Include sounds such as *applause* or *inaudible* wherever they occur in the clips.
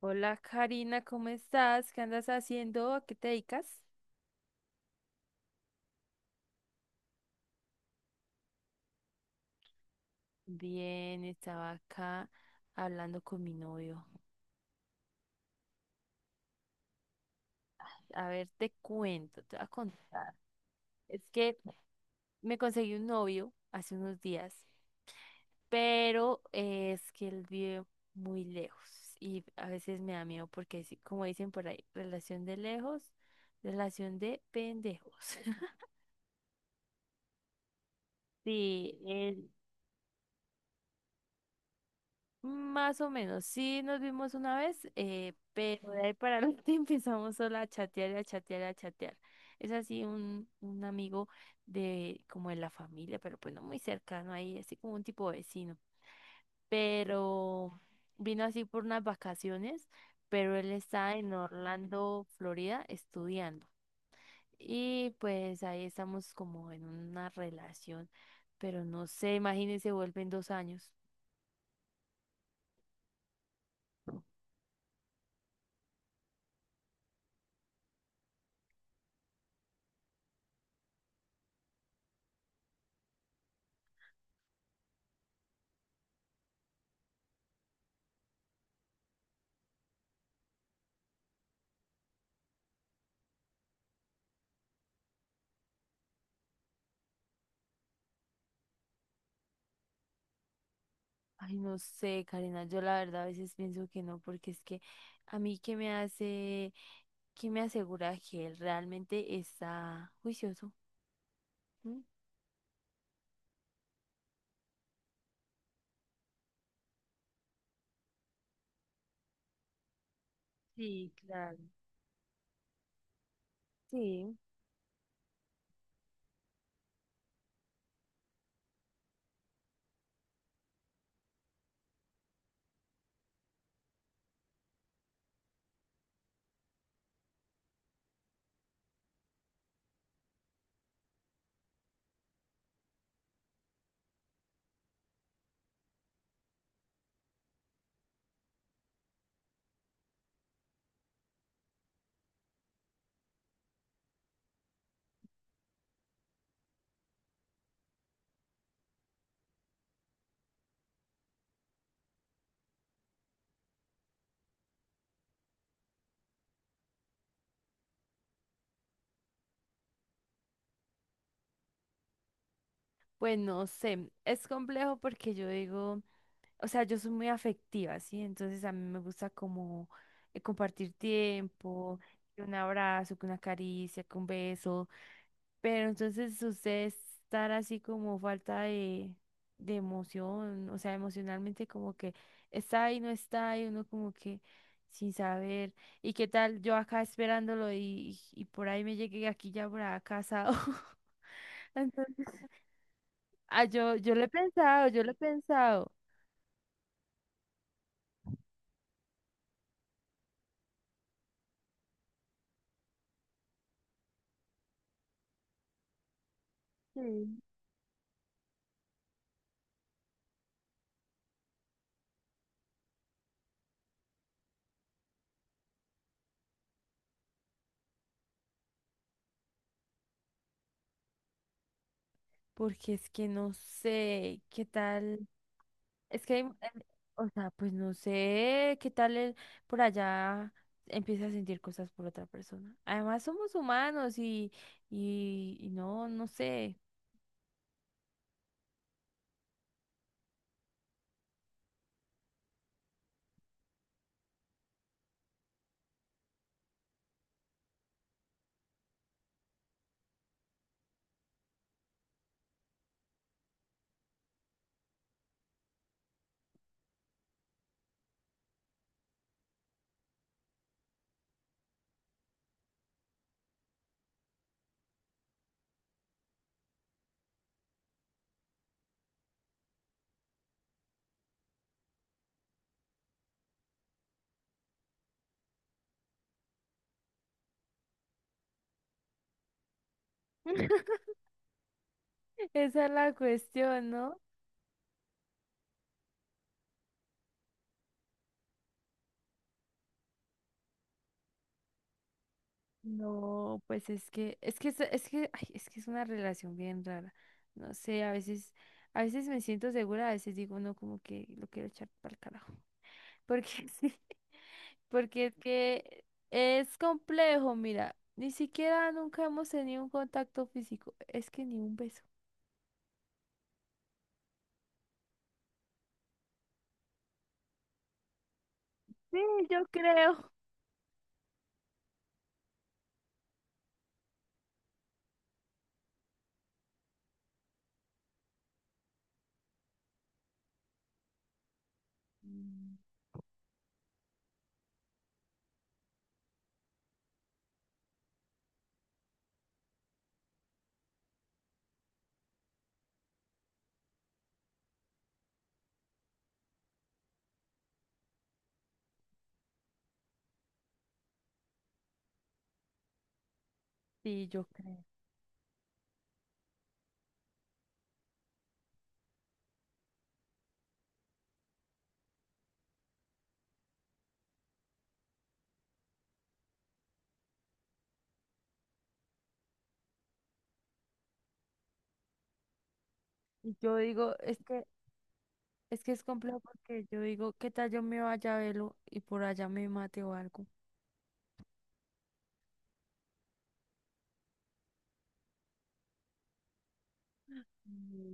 Hola Karina, ¿cómo estás? ¿Qué andas haciendo? ¿A qué te dedicas? Bien, estaba acá hablando con mi novio. A ver, te cuento, te voy a contar. Es que me conseguí un novio hace unos días, pero es que él vive muy lejos y a veces me da miedo porque, sí, como dicen por ahí, relación de lejos, relación de pendejos. *laughs* Sí. Más o menos, sí nos vimos una vez, pero de ahí para adelante *laughs* empezamos solo a chatear y a chatear y a chatear. Es así un amigo de como de la familia, pero pues no muy cercano ahí, así como un tipo vecino. Pero vino así por unas vacaciones, pero él está en Orlando, Florida, estudiando. Y pues ahí estamos como en una relación, pero no sé, imagínense, vuelven dos años. Ay, no sé, Karina, yo la verdad a veces pienso que no, porque es que a mí que me hace, que me asegura que él realmente está juicioso. ¿Mm? Sí, claro. Sí, pues no sé, es complejo porque yo digo, o sea, yo soy muy afectiva, ¿sí? Entonces a mí me gusta como compartir tiempo, que un abrazo, que una caricia, que un beso. Pero entonces usted estar así como falta de emoción, o sea, emocionalmente como que está ahí, no está y uno como que sin saber. ¿Y qué tal yo acá esperándolo y por ahí me llegué aquí ya por acá casado? *laughs* Entonces, ah, yo lo he pensado, yo lo he pensado. Sí. Porque es que no sé qué tal. Es que, em, o sea, pues no sé qué tal el, por allá empieza a sentir cosas por otra persona. Además, somos humanos y no sé. *laughs* Esa es la cuestión, ¿no? No, pues es que, es que, es que, ay, es que es una relación bien rara. No sé, a veces me siento segura, a veces digo, no, como que lo quiero echar para el carajo. Porque *laughs* sí, porque es que es complejo, mira, ni siquiera nunca hemos tenido un contacto físico, es que ni un beso. Sí, yo creo. Sí, yo creo. Y yo digo, es que es complejo porque yo digo, ¿qué tal yo me vaya a verlo y por allá me mate o algo?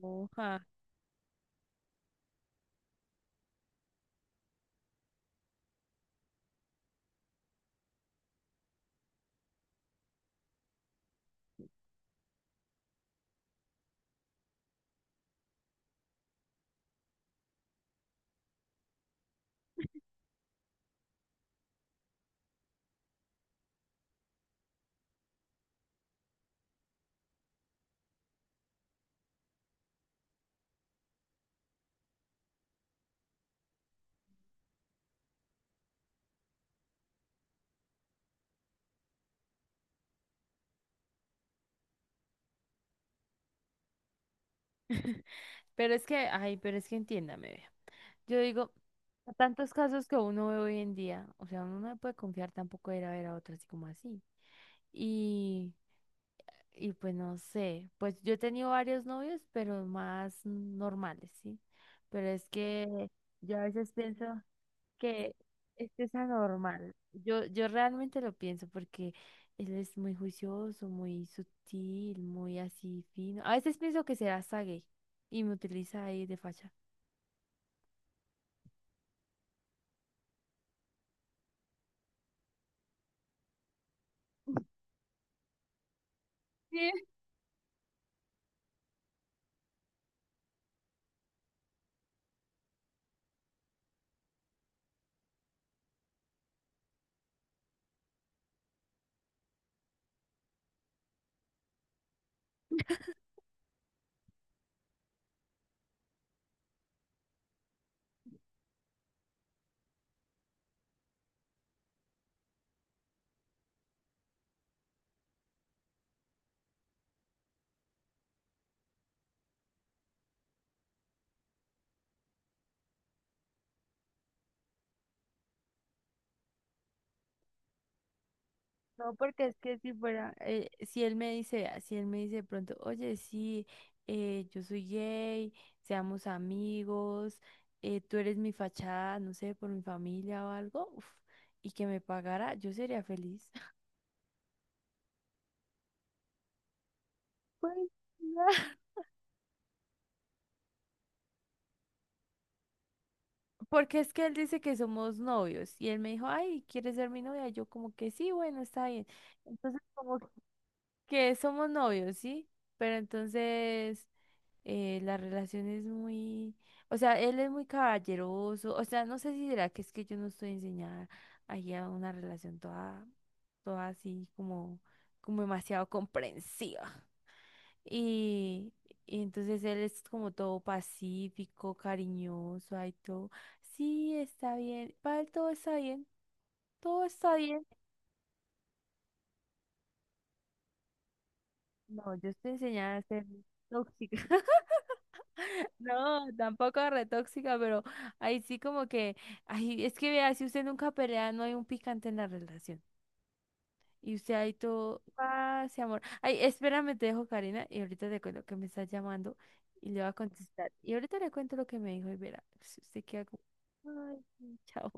No, ja. *laughs* Pero es que, ay, pero es que entiéndame, vea. Yo digo, a tantos casos que uno ve hoy en día, o sea, uno no puede confiar tampoco de ir a ver a otro así como así. Y, y pues no sé, pues yo he tenido varios novios, pero más normales, ¿sí? Pero es que yo a veces pienso que este es anormal. Yo realmente lo pienso porque él es muy juicioso, muy sutil, muy así fino. A veces pienso que será hasta gay y me utiliza ahí de facha. Sí. No, porque es que si fuera, si él me dice, si él me dice de pronto, oye, sí, yo soy gay, seamos amigos, tú eres mi fachada, no sé, por mi familia o algo, uf, y que me pagara, yo sería feliz. *laughs* Pues, no. Porque es que él dice que somos novios y él me dijo, ay, ¿quieres ser mi novia? Yo como que sí, bueno, está bien. Entonces como que somos novios, ¿sí? Pero entonces la relación es muy, o sea, él es muy caballeroso, o sea, no sé si será que es que yo no estoy enseñada ahí a una relación toda, toda así como, como demasiado comprensiva. Y, y entonces él es como todo pacífico, cariñoso, ahí todo, sí, está bien, para él todo está bien, todo está bien. No, yo estoy enseñada a ser tóxica. No, tampoco retóxica, pero ahí sí como que, ay, es que vea, si usted nunca pelea, no hay un picante en la relación. Y usted ahí todo, ah sí amor. Ay, espérame, te dejo, Karina, y ahorita te cuento que me está llamando y le voy a contestar. Y ahorita le cuento lo que me dijo y verá, si usted queda como, ay, sí, chao.